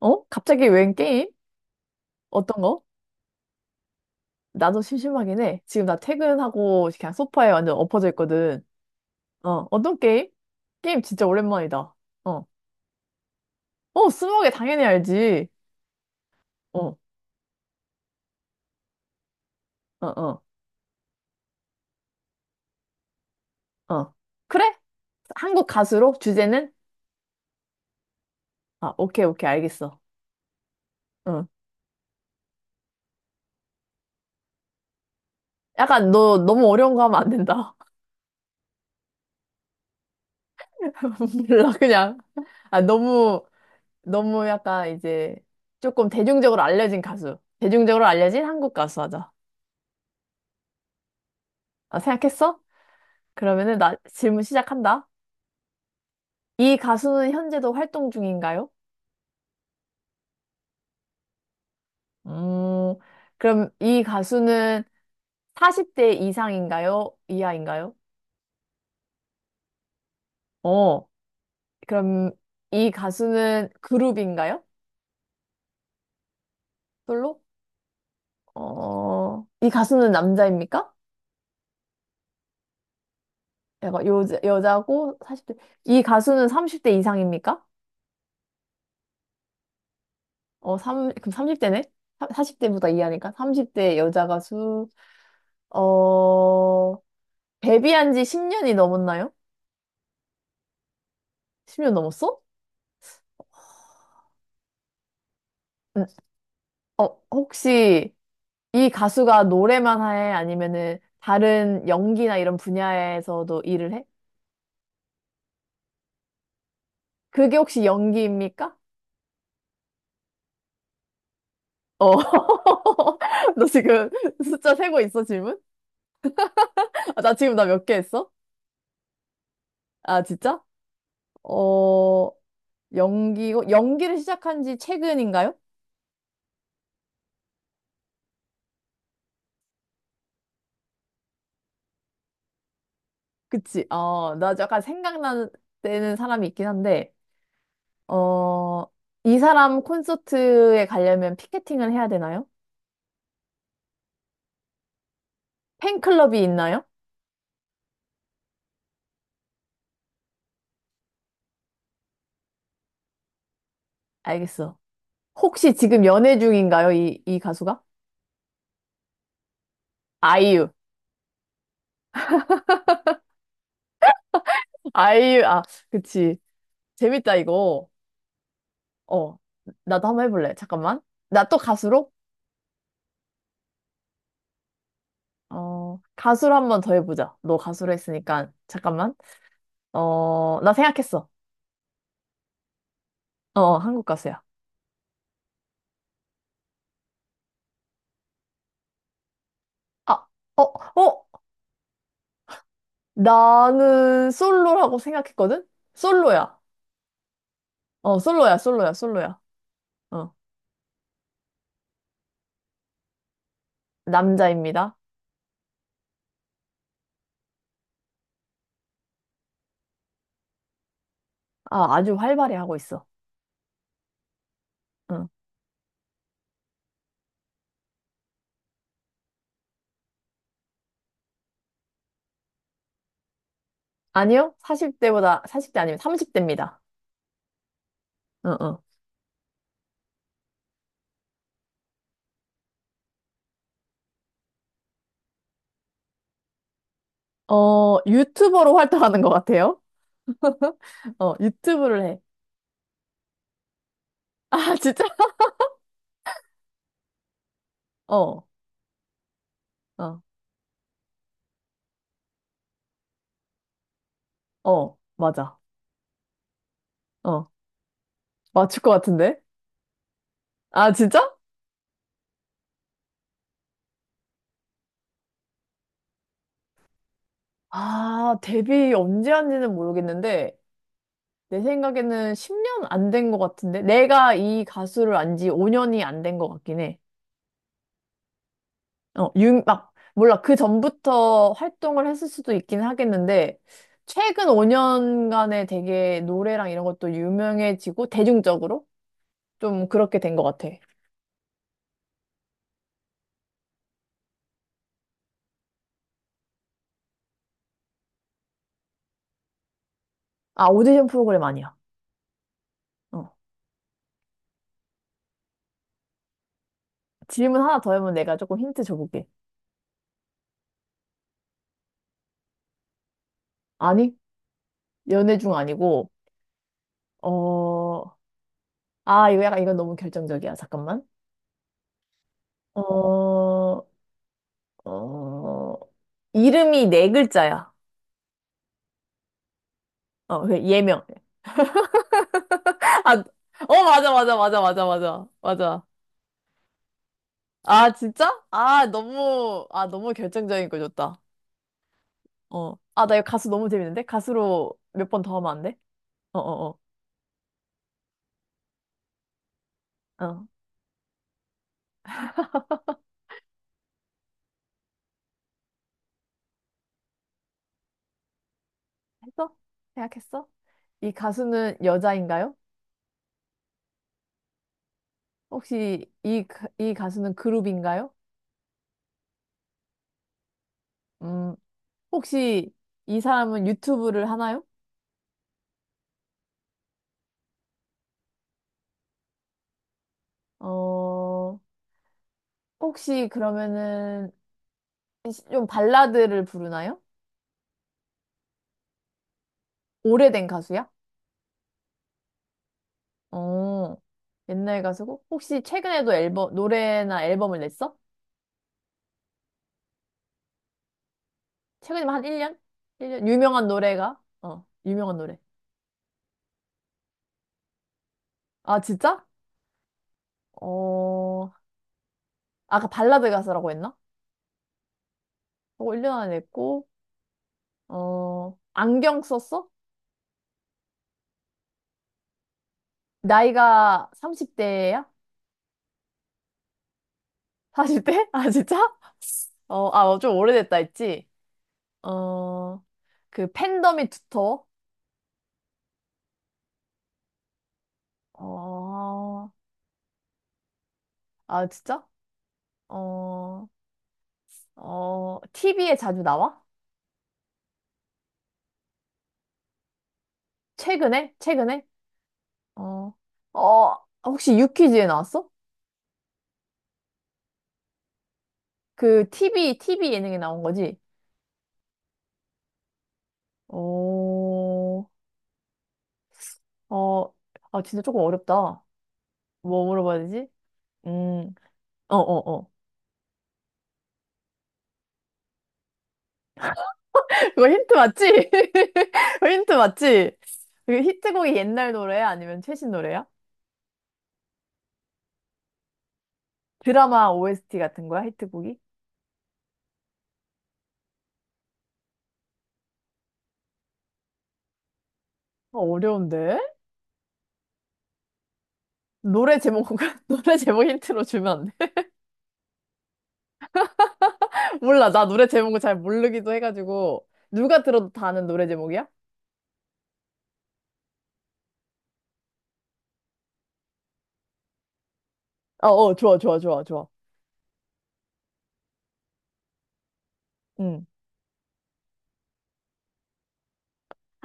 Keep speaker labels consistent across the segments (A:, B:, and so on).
A: 어? 갑자기 웬 게임? 어떤 거? 나도 심심하긴 해. 지금 나 퇴근하고 그냥 소파에 완전 엎어져 있거든. 어, 어떤 게임? 게임 진짜 오랜만이다. 어. 어, 스무고개 당연히 알지. 어, 어, 어, 어. 그래? 한국 가수로? 주제는? 아, 오케이, 오케이, 알겠어. 응. 약간 너 너무 어려운 거 하면 안 된다. 몰라, 그냥. 아, 너무, 너무 약간 이제 조금 대중적으로 알려진 가수. 대중적으로 알려진 한국 가수 하자. 아, 생각했어? 그러면은 나 질문 시작한다. 이 가수는 현재도 활동 중인가요? 음, 그럼 이 가수는 40대 이상인가요? 이하인가요? 어, 그럼 이 가수는 그룹인가요? 솔로? 어, 이 가수는 남자입니까? 약간 여자, 여자고 40대 이 가수는 30대 이상입니까? 어, 삼 그럼 30대네? 40대보다 이하니까 30대 여자 가수. 어, 데뷔한 지 10년이 넘었나요? 10년 넘었어? 음, 어, 혹시 이 가수가 노래만 해? 아니면은 다른 연기나 이런 분야에서도 일을 해? 그게 혹시 연기입니까? 어. 너 지금 숫자 세고 있어, 질문? 아, 나 몇 개 했어? 아, 진짜? 어, 연기고, 연기를 시작한 지 최근인가요? 그치. 어, 나 약간 생각나는 사람이 있긴 한데, 어, 이 사람 콘서트에 가려면 피케팅을 해야 되나요? 팬클럽이 있나요? 알겠어. 혹시 지금 연애 중인가요? 이 가수가? 아이유. 아이유, 아, 그치. 재밌다, 이거. 어, 나도 한번 해볼래. 잠깐만. 나 또 가수로? 어, 가수로 한번 더 해보자. 너 가수로 했으니까. 잠깐만. 어, 나 생각했어. 어, 어, 한국 가수야. 아, 어, 어? 나는 솔로라고 생각했거든? 솔로야. 어, 솔로야, 솔로야, 솔로야. 어, 남자입니다. 아, 아주 활발히 하고 있어. 어. 아니요? 40대보다, 40대 아니면 30대입니다. 어, 어. 어, 유튜버로 활동하는 것 같아요. 어, 유튜브를 해. 아, 진짜? 어, 어, 어, 맞아. 어, 맞출 것 같은데? 아, 진짜? 아, 데뷔 언제 한지는 모르겠는데, 내 생각에는 10년 안 된 것 같은데? 내가 이 가수를 안 지 5년이 안 된 것 같긴 해. 몰라. 그 전부터 활동을 했을 수도 있긴 하겠는데, 최근 5년간에 되게 노래랑 이런 것도 유명해지고, 대중적으로 좀 그렇게 된 것 같아. 아, 오디션 프로그램 아니야. 어. 질문 하나 더 하면 내가 조금 힌트 줘볼게. 아니, 연애 중 아니고, 어, 이건 너무 결정적이야. 잠깐만. 어, 어, 이름이 네 글자야. 어, 그 예명. 아, 어, 맞아, 맞아, 맞아, 맞아, 맞아, 맞아. 아, 진짜? 너무 결정적인 걸 줬다. 어. 아, 나 이거 가수 너무 재밌는데? 가수로 몇 번 더 하면 안 돼? 어, 어, 어. 어. 했어? 생각했어? 이 가수는 여자인가요? 이 가수는 그룹인가요? 음, 혹시 이 사람은 유튜브를 하나요? 어, 혹시 그러면은 좀 발라드를 부르나요? 오래된 가수야? 어, 옛날 가수고? 혹시 최근에도 노래나 앨범을 냈어? 최근에 한 1년? 일 년 유명한 노래가? 어, 유명한 노래. 아, 진짜? 어, 아까 발라드 가수라고 했나? 그거 1년 안에 했고, 어, 안경 썼어? 나이가 30대야? 40대? 아, 진짜? 어, 아, 어, 좀 오래됐다 했지? 어, 그 팬덤이 두터워? 어, 아, 진짜? 어, 어, TV에 자주 나와? 최근에? 최근에? 어, 어, 혹시 유퀴즈에 나왔어? 그 TV 예능에 나온 거지? 어, 어, 아, 진짜 조금 어렵다. 뭐 물어봐야 되지? 음, 어, 어, 어. 이거 힌트 맞지? 거 힌트 맞지? 그 히트곡이 옛날 노래야? 아니면 최신 노래야? 드라마 OST 같은 거야? 히트곡이? 어, 어려운데? 노래 제목, 노래 제목 힌트로 주면 안 돼? 몰라. 나 노래 제목을 잘 모르기도 해가지고. 누가 들어도 다 아는 노래 제목이야? 어, 어, 좋아, 좋아, 좋아, 좋아. 응.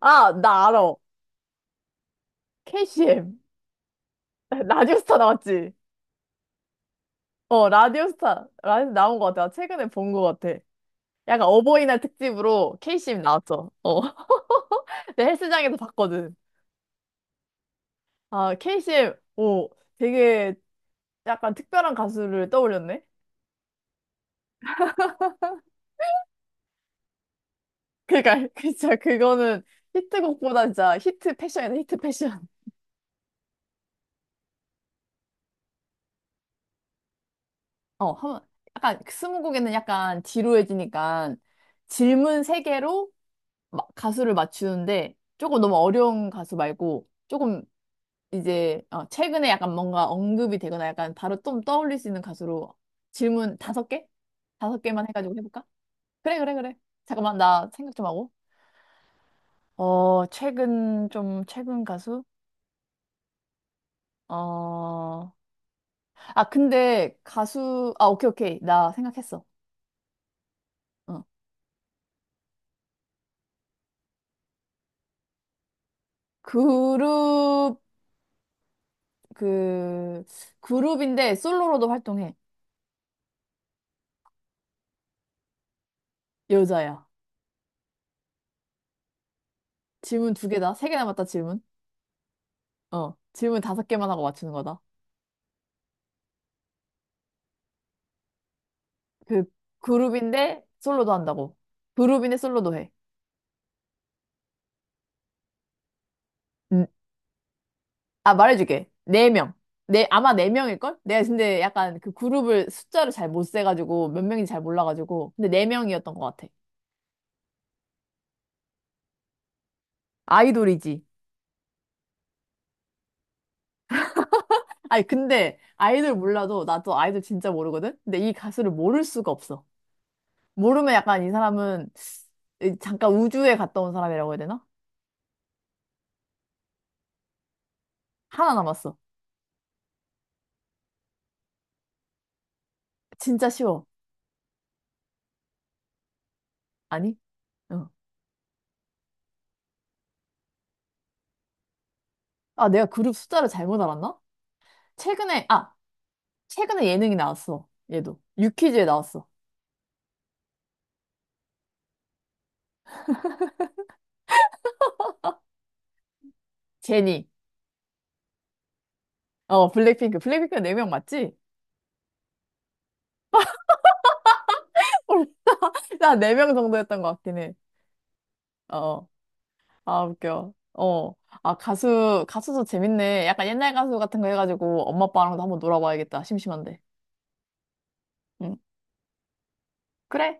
A: 아, 나 알아. KCM. 라디오스타 나왔지? 어, 라디오스타. 라디오 나온 것 같아. 나 최근에 본 것 같아. 약간 어버이날 특집으로 KCM 나왔어. 어. 내 헬스장에서 봤거든. 아, KCM, 오, 되게 약간 특별한 가수를 떠올렸네? 그니까, 진짜 그거는 히트곡보다 진짜 히트 패션이다, 히트 패션. 어, 한, 약간 스무고개는 약간 지루해지니까 질문 세개로 가수를 맞추는데 조금 너무 어려운 가수 말고 조금 이제 어, 최근에 약간 뭔가 언급이 되거나 약간 바로 좀 떠올릴 수 있는 가수로 질문 다섯 개? 다섯 개만 해가지고 해볼까? 그래, 그래, 그래. 잠깐만, 나 생각 좀 하고. 최근 가수? 어, 아, 오케이, 오케이. 나 생각했어. 어. 그룹, 그, 그룹인데 솔로로도 활동해. 여자야. 질문 두 개다. 세 개 남았다, 질문. 어, 질문 다섯 개만 하고 맞추는 거다. 그 그룹인데 솔로도 한다고. 그룹인데 솔로도 해. 음, 아, 말해줄게. 네 명. 네, 아마 네 명일걸? 내가 근데 약간 그 그룹을 숫자를 잘 못 세가지고 몇 명인지 잘 몰라가지고. 근데 네 명이었던 것 같아. 아이돌이지. 아니, 근데 아이돌 몰라도 나도 아이돌 진짜 모르거든? 근데 이 가수를 모를 수가 없어. 모르면 약간 이 사람은 잠깐 우주에 갔다 온 사람이라고 해야 되나? 하나 남았어. 진짜 쉬워. 아니? 어. 아, 내가 그룹 숫자를 잘못 알았나? 최근에, 아, 최근에 예능이 나왔어. 얘도. 유퀴즈에 나왔어. 제니. 어, 블랙핑크. 블랙핑크가 4명 맞지? 나 4명 정도 였던 것 같긴 해. 어. 아, 웃겨. 어. 아, 가수도 재밌네. 약간 옛날 가수 같은 거 해가지고 엄마 아빠랑도 한번 놀아봐야겠다. 심심한데. 응. 그래.